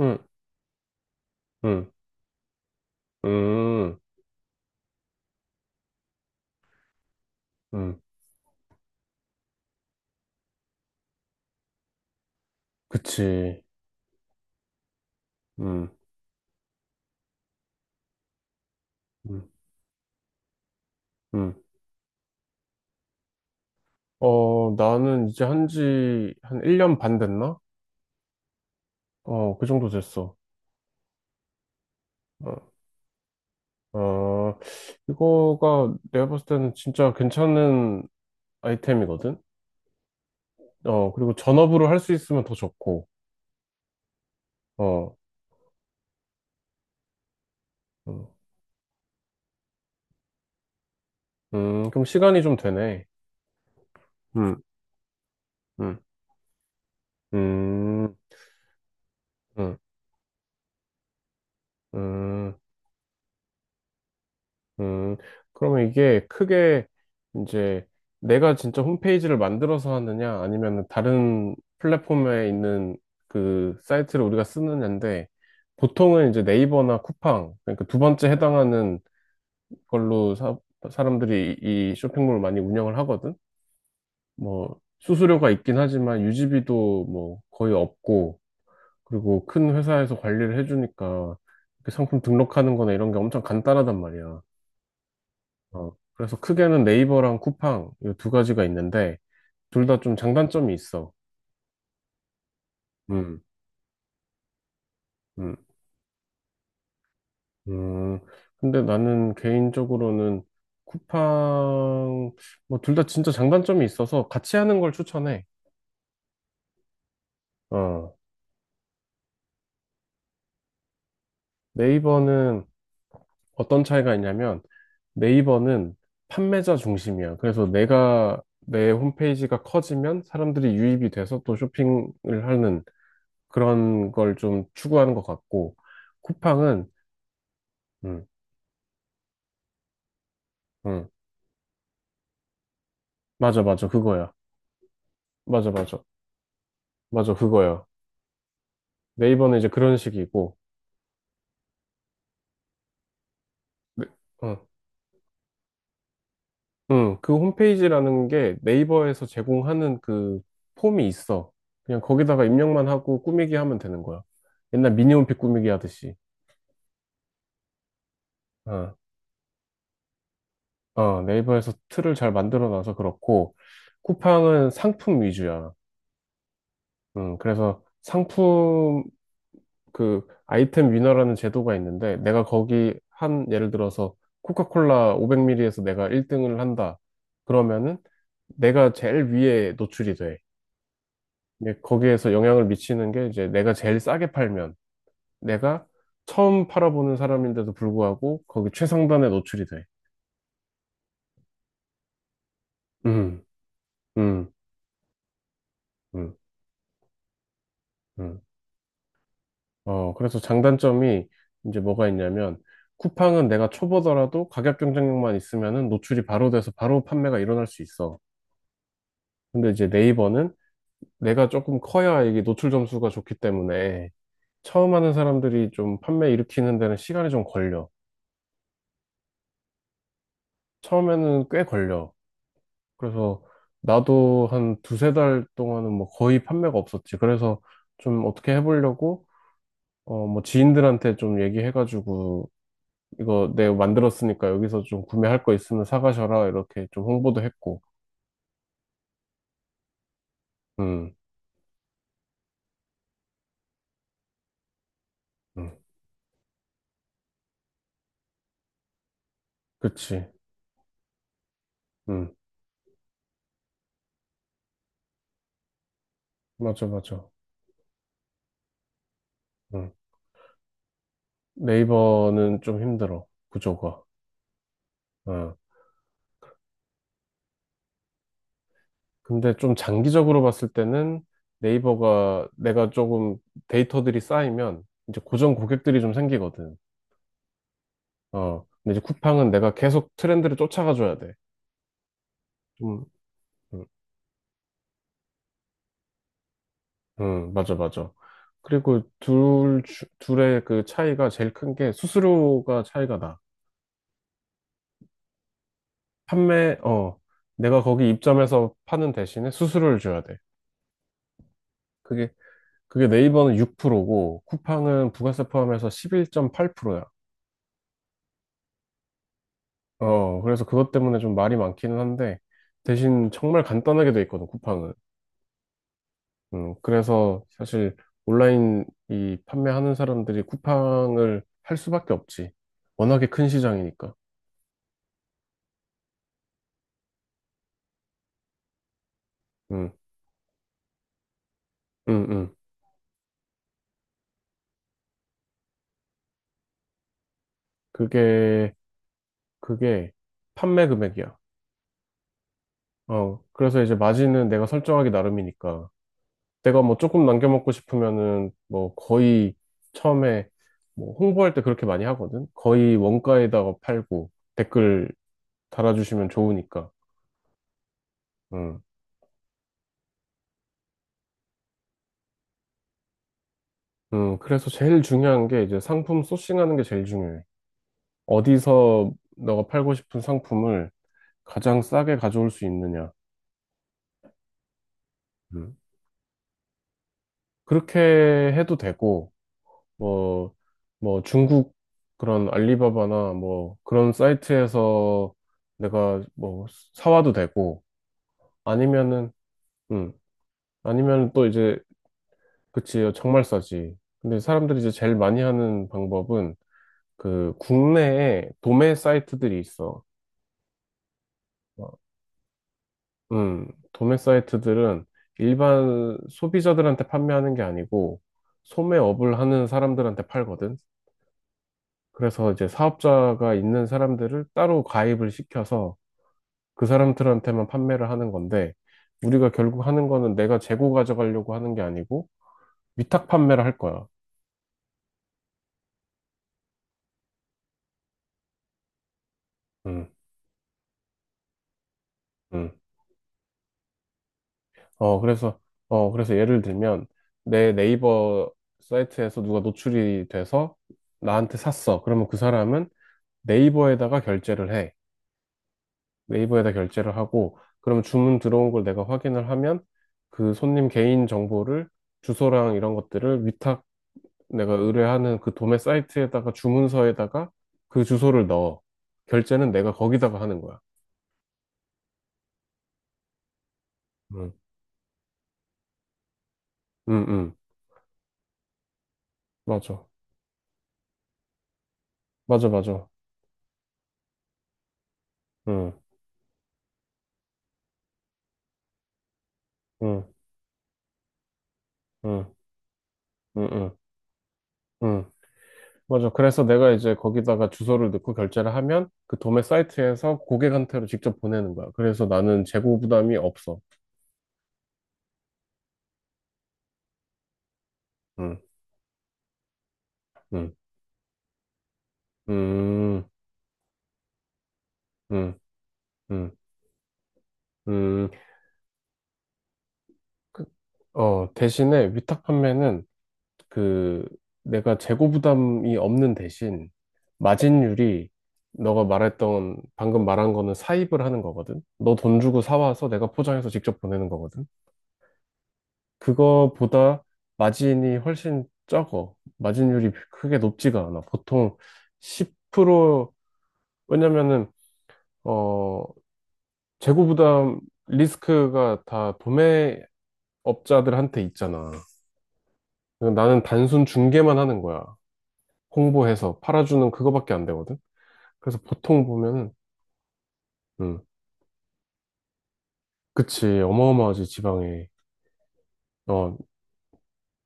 응. 응. 음, 응. 그치. 응. 응. 응. 어, 나는 이제 한 지, 한 1년 반 됐나? 어, 그 정도 됐어. 어, 어, 이거가 내가 봤을 때는 진짜 괜찮은 아이템이거든? 어, 그리고 전업으로 할 수 있으면 더 좋고, 어, 음, 그럼 시간이 좀 되네. 음, 음, 음, 음, 음. 음, 그러면 이게 크게 이제 내가 진짜 홈페이지를 만들어서 하느냐, 아니면 다른 플랫폼에 있는 그 사이트를 우리가 쓰느냐인데, 보통은 이제 네이버나 쿠팡, 그러니까 두 번째 해당하는 걸로 사람들이 이 쇼핑몰을 많이 운영을 하거든? 뭐, 수수료가 있긴 하지만 유지비도 뭐 거의 없고, 그리고 큰 회사에서 관리를 해주니까, 이렇게 상품 등록하는 거나 이런 게 엄청 간단하단 말이야. 어, 그래서 크게는 네이버랑 쿠팡 이 두 가지가 있는데 둘 다 좀 장단점이 있어. 음, 음, 음. 근데 나는 개인적으로는 쿠팡 뭐 둘 다 진짜 장단점이 있어서 같이 하는 걸 추천해. 어, 네이버는 어떤 차이가 있냐면 네이버는 판매자 중심이야. 그래서 내가 내 홈페이지가 커지면 사람들이 유입이 돼서 또 쇼핑을 하는 그런 걸 좀 추구하는 것 같고 쿠팡은 음, 응. 맞아, 맞아. 그거야. 맞아, 맞아. 맞아, 그거야. 네이버는 이제 그런 식이고. 네. 응. 응. 그 홈페이지라는 게 네이버에서 제공하는 그 폼이 있어. 그냥 거기다가 입력만 하고 꾸미기 하면 되는 거야. 옛날 미니홈피 꾸미기 하듯이. 어. 어, 네이버에서 틀을 잘 만들어 놔서 그렇고, 쿠팡은 상품 위주야. 응. 그래서 상품, 그 아이템 위너라는 제도가 있는데 내가 거기 한 예를 들어서 코카콜라 500ml에서 내가 1등을 한다. 그러면은 내가 제일 위에 노출이 돼. 근데 거기에서 영향을 미치는 게 이제 내가 제일 싸게 팔면 내가 처음 팔아보는 사람인데도 불구하고 거기 최상단에 노출이 돼. 음, 음, 음, 음. 어, 그래서 장단점이 이제 뭐가 있냐면 쿠팡은 내가 초보더라도 가격 경쟁력만 있으면은 노출이 바로 돼서 바로 판매가 일어날 수 있어. 근데 이제 네이버는 내가 조금 커야 이게 노출 점수가 좋기 때문에 처음 하는 사람들이 좀 판매 일으키는 데는 시간이 좀 걸려. 처음에는 꽤 걸려. 그래서 나도 한 두세 달 동안은 뭐 거의 판매가 없었지. 그래서 좀 어떻게 해보려고 어 뭐 지인들한테 좀 얘기해가지고 이거 내가 만들었으니까 여기서 좀 구매할 거 있으면 사가셔라 이렇게 좀 홍보도 했고. 음, 음, 그치. 음, 맞아, 맞아. 음. 네이버는 좀 힘들어. 구조가. 어, 근데 좀 장기적으로 봤을 때는 네이버가 내가 조금 데이터들이 쌓이면 이제 고정 고객들이 좀 생기거든. 어, 근데 이제 쿠팡은 내가 계속 트렌드를 쫓아가줘야 돼. 좀, 음, 맞아, 맞아. 그리고 둘의 그 차이가 제일 큰 게 수수료가 차이가 나. 판매, 어, 내가 거기 입점해서 파는 대신에 수수료를 줘야 돼. 그게, 그게 네이버는 6%고 쿠팡은 부가세 포함해서 11.8%야. 어, 그래서 그것 때문에 좀 말이 많기는 한데, 대신 정말 간단하게 돼 있거든, 쿠팡은. 그래서 사실 온라인 이 판매하는 사람들이 쿠팡을 할 수밖에 없지. 워낙에 큰 시장이니까. 음, 음, 음. 그게, 그게 판매 금액이야. 어, 그래서 이제 마진은 내가 설정하기 나름이니까. 내가 뭐 조금 남겨먹고 싶으면은 뭐 거의 처음에 뭐 홍보할 때 그렇게 많이 하거든. 거의 원가에다가 팔고 댓글 달아주시면 좋으니까. 음. 그래서 제일 중요한 게 이제 상품 소싱하는 게 제일 중요해. 어디서 너가 팔고 싶은 상품을 가장 싸게 가져올 수 있느냐. 음. 그렇게 해도 되고, 뭐, 뭐 중국 그런 알리바바나 뭐 그런 사이트에서 내가 뭐 사와도 되고, 아니면은, 음, 아니면 또 이제, 그치, 정말 싸지. 근데 사람들이 이제 제일 많이 하는 방법은 그 국내에 도매 사이트들이 있어. 어, 음, 도매 사이트들은 일반 소비자들한테 판매하는 게 아니고 소매업을 하는 사람들한테 팔거든. 그래서 이제 사업자가 있는 사람들을 따로 가입을 시켜서 그 사람들한테만 판매를 하는 건데 우리가 결국 하는 거는 내가 재고 가져가려고 하는 게 아니고 위탁 판매를 할 거야. 음, 음. 어, 그래서, 어, 그래서 예를 들면, 내 네이버 사이트에서 누가 노출이 돼서 나한테 샀어. 그러면 그 사람은 네이버에다가 결제를 해. 네이버에다 결제를 하고, 그러면 주문 들어온 걸 내가 확인을 하면 그 손님 개인 정보를 주소랑 이런 것들을 위탁 내가 의뢰하는 그 도매 사이트에다가 주문서에다가 그 주소를 넣어. 결제는 내가 거기다가 하는 거야. 응, 응, 응. 맞아. 맞아, 맞아. 응, 응, 응, 응, 응. 응. 맞아. 그래서 내가 이제 거기다가 주소를 넣고 결제를 하면 그 도매 사이트에서 고객한테로 직접 보내는 거야. 그래서 나는 재고 부담이 없어. 음, 음, 음, 음, 음, 음. 그, 어, 대신에 위탁 판매는 그 내가 재고 부담이 없는 대신 마진율이 너가 말했던 방금 말한 거는 사입을 하는 거거든. 너 돈 주고 사와서 내가 포장해서 직접 보내는 거거든. 그거보다 마진이 훨씬 적어. 마진율이 크게 높지가 않아. 보통 10%, 왜냐면은, 어, 재고 부담 리스크가 다 도매업자들한테 있잖아. 나는 단순 중개만 하는 거야. 홍보해서 팔아주는 그거밖에 안 되거든. 그래서 보통 보면은, 음, 그치, 어마어마하지, 지방에. 어,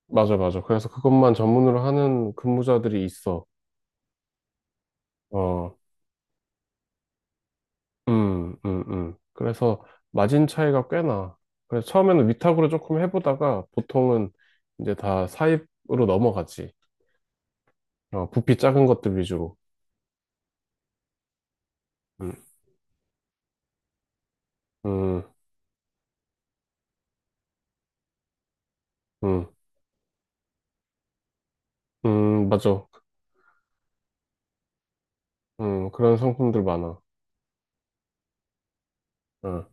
맞아, 맞아. 그래서 그것만 전문으로 하는 근무자들이 있어. 어, 그래서 마진 차이가 꽤 나. 그래서 처음에는 위탁으로 조금 해보다가 보통은 이제 다 사입으로 넘어가지. 어, 부피 작은 것들 위주로. 음, 음, 음, 맞아. 그런 상품들 많아. 응,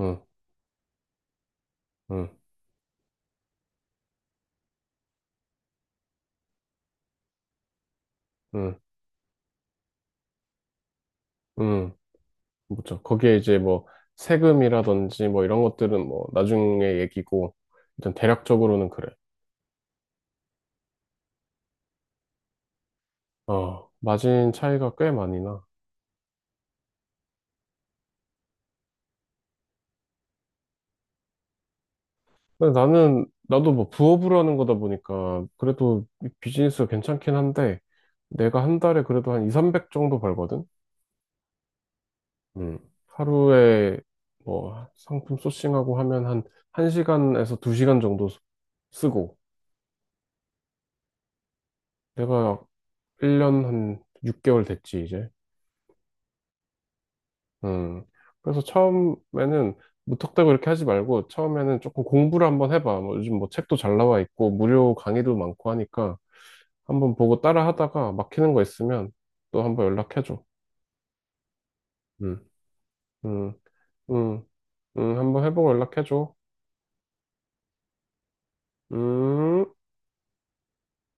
응, 응, 응, 응. 그렇죠. 거기에 이제 뭐 세금이라든지 뭐 이런 것들은 뭐 나중에 얘기고 일단 대략적으로는 그래. 어, 마진 차이가 꽤 많이 나. 근데 나도 뭐 부업으로 하는 거다 보니까, 그래도 이 비즈니스가 괜찮긴 한데, 내가 한 달에 그래도 한 2, 300 정도 벌거든? 음. 하루에 뭐 상품 소싱하고 하면 한 1시간에서 2시간 정도 쓰고, 내가 1년 한 6개월 됐지, 이제. 음. 그래서 처음에는 무턱대고 이렇게 하지 말고, 처음에는 조금 공부를 한번 해봐. 뭐 요즘 뭐 책도 잘 나와 있고, 무료 강의도 많고 하니까, 한번 보고 따라 하다가 막히는 거 있으면 또 한번 연락해줘. 응, 응, 응, 응, 한번 해보고 연락해줘. 음.